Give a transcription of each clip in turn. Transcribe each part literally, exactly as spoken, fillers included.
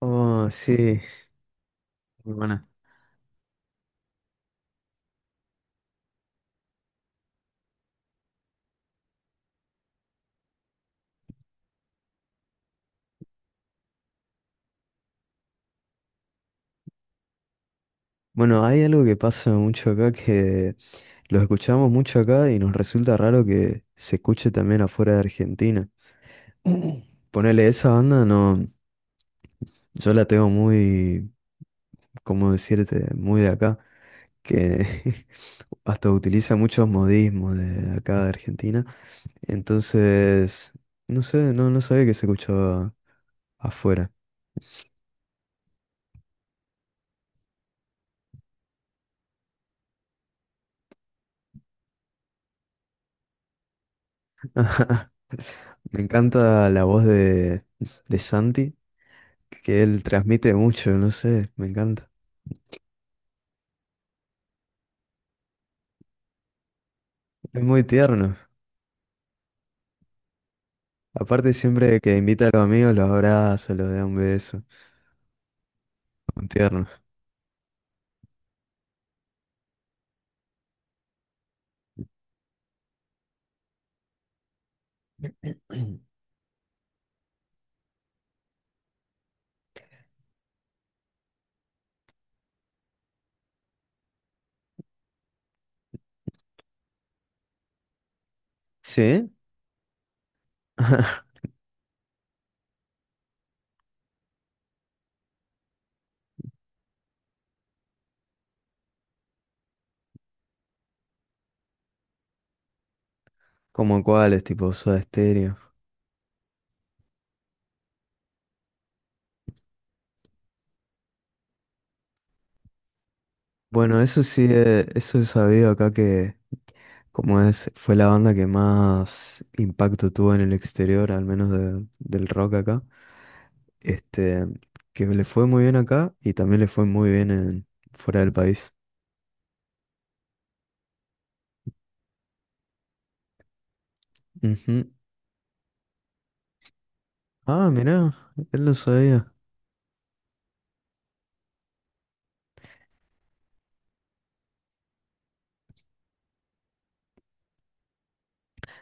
Oh, sí, muy buena. Bueno, hay algo que pasa mucho acá que lo escuchamos mucho acá y nos resulta raro que se escuche también afuera de Argentina. Ponele, esa banda no, yo la tengo muy, ¿cómo decirte? Muy de acá, que hasta utiliza muchos modismos de acá de Argentina. Entonces, no sé, no, no sabía que se escuchaba afuera. Me encanta la voz de, de Santi. Que él transmite mucho, no sé, me encanta. Es muy tierno. Aparte, siempre que invita a los amigos, los abraza, los da un beso. Muy tierno. ¿Sí? ¿Como cuáles? Tipo Soda Stereo. Bueno, eso sí, eh, eso he sabido acá que, como es, fue la banda que más impacto tuvo en el exterior, al menos de- del rock acá. Este, que le fue muy bien acá y también le fue muy bien en, fuera del país. Ujú. Ah, mirá, él lo sabía.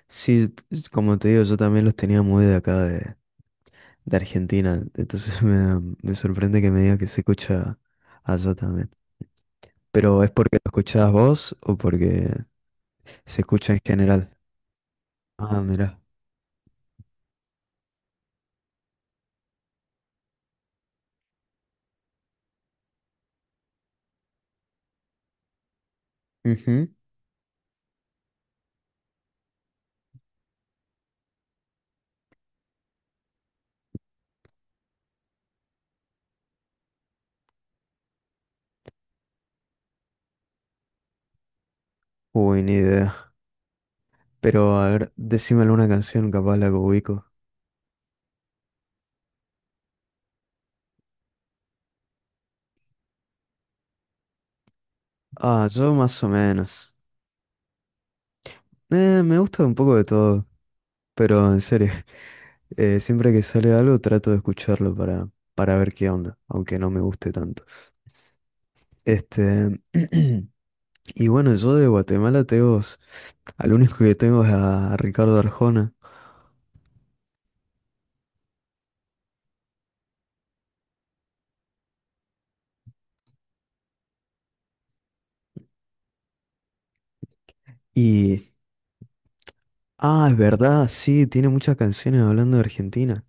Sí, t- como te digo, yo también los tenía muy de acá de, de, Argentina, entonces me, da- me sorprende que me diga que se escucha allá también. Pero ¿es porque lo escuchabas vos o porque se escucha en general? Ah, mira. Ujú. Uy, ni idea. Pero a ver, decime alguna canción, capaz la que ubico. Ah, yo más o menos. Eh, me gusta un poco de todo, pero en serio, eh, siempre que sale algo trato de escucharlo para, para ver qué onda, aunque no me guste tanto. Este, y bueno, yo de Guatemala tengo, s- al único que tengo es a Ricardo Arjona. Y, ah, es verdad, sí, tiene muchas canciones hablando de Argentina.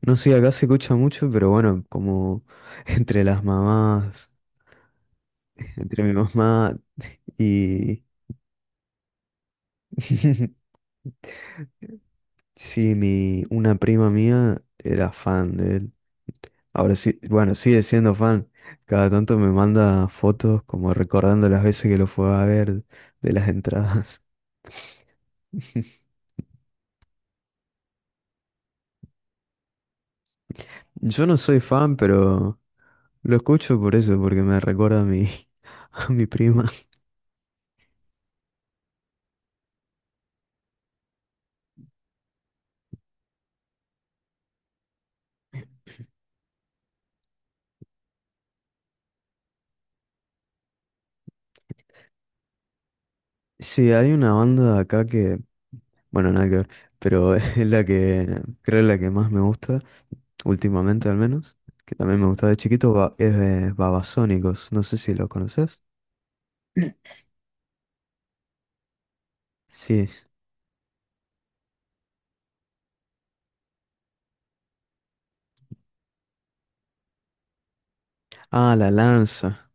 No sé, acá se escucha mucho, pero bueno, como entre las mamás, entre mi mamá y, sí, mi, una prima mía era fan de él. Ahora sí, bueno, sigue siendo fan. Cada tanto me manda fotos como recordando las veces que lo fue a ver de las entradas. Yo no soy fan, pero lo escucho por eso, porque me recuerda a mi, a mi prima. Sí, hay una banda acá que, bueno, nada que ver, pero es la que creo la que más me gusta, últimamente al menos, que también me gustaba de chiquito, ba- es eh, Babasónicos. No sé si lo conoces. Sí. Ah, La Lanza.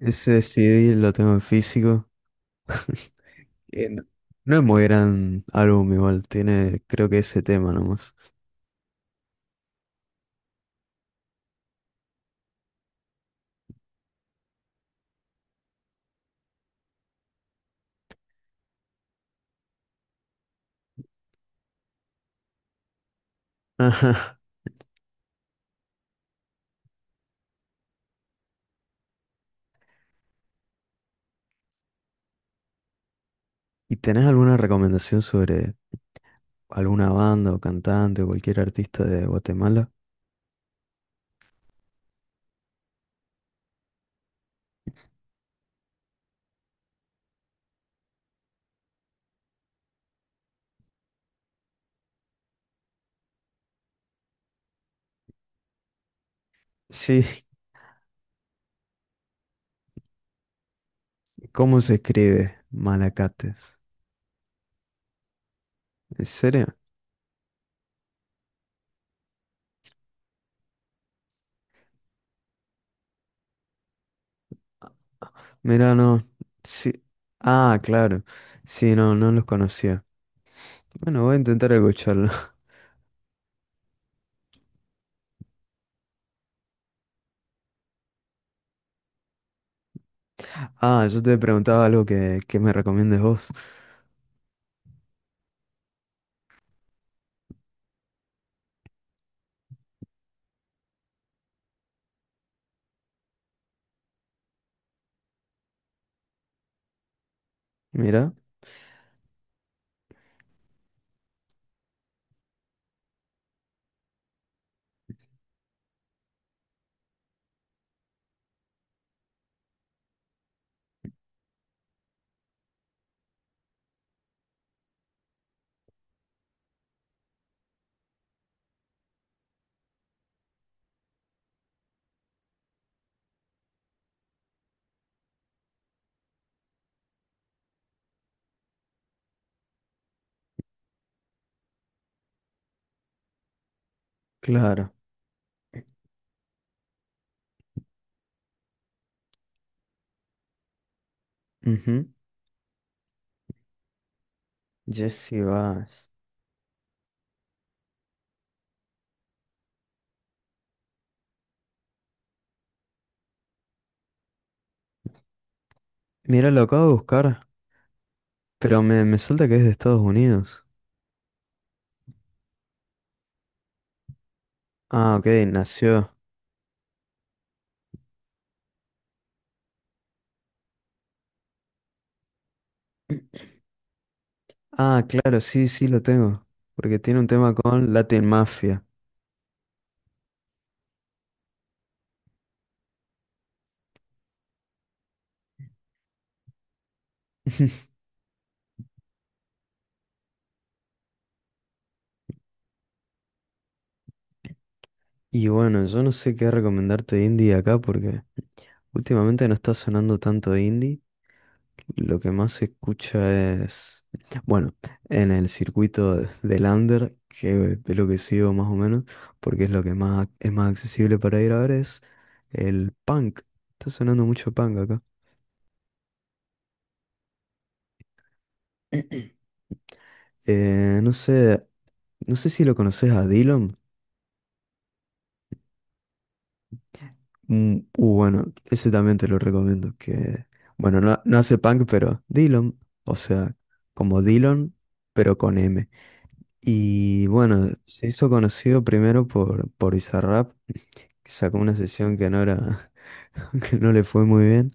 Ese C D lo tengo en físico. Eh, no, no es muy gran álbum igual, tiene creo que ese tema nomás. Ajá. ¿Y tenés alguna recomendación sobre alguna banda o cantante o cualquier artista de Guatemala? Sí, ¿cómo se escribe? Malacates. ¿En serio? Mira, no. Sí. Ah, claro. Sí, no, no los conocía. Bueno, voy a intentar escucharlo. Ah, yo te preguntaba algo que, que, me recomiendes vos. Mira, claro. Ujú. Jesse Bass. Mira, lo acabo de buscar. Pero me, me salta que es de Estados Unidos. Ah, ok, nació. Ah, claro, sí, sí lo tengo. Porque tiene un tema con Latin Mafia. Y bueno, yo no sé qué recomendarte de indie acá porque últimamente no está sonando tanto indie. Lo que más se escucha es, bueno, en el circuito del under, que es lo que sigo más o menos, porque es lo que más es más accesible para ir a ver, es el punk. Está sonando mucho punk acá. Eh, no sé, no sé, si lo conoces a Dillom. Mm, uh, bueno, ese también te lo recomiendo. Que, bueno, no, no hace punk, pero Dillom, o sea, como Dillon, pero con M. Y bueno, se hizo conocido primero por, por Bizarrap que sacó una sesión que no era, que no le fue muy bien.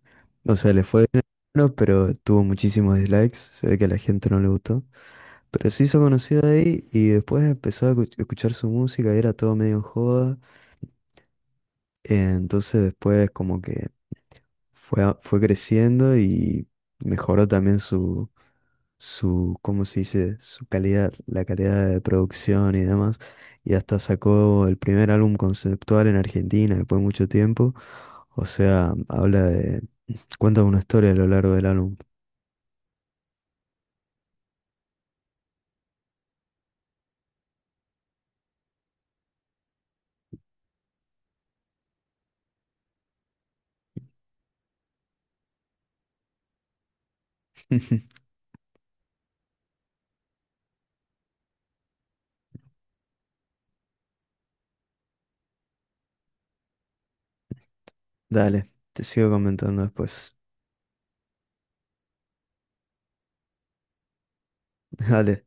O sea, le fue bien, no, pero tuvo muchísimos dislikes. Se ve que a la gente no le gustó. Pero se hizo conocido ahí y después empezó a escu- escuchar su música y era todo medio en joda. Eh, Entonces después como que fue, a- fue creciendo y mejoró también su, su, ¿cómo se dice? Su calidad, la calidad de producción y demás. Y hasta sacó el primer álbum conceptual en Argentina después de mucho tiempo. O sea, habla de, cuenta una historia a lo largo del álbum. Dale, te sigo comentando después. Dale.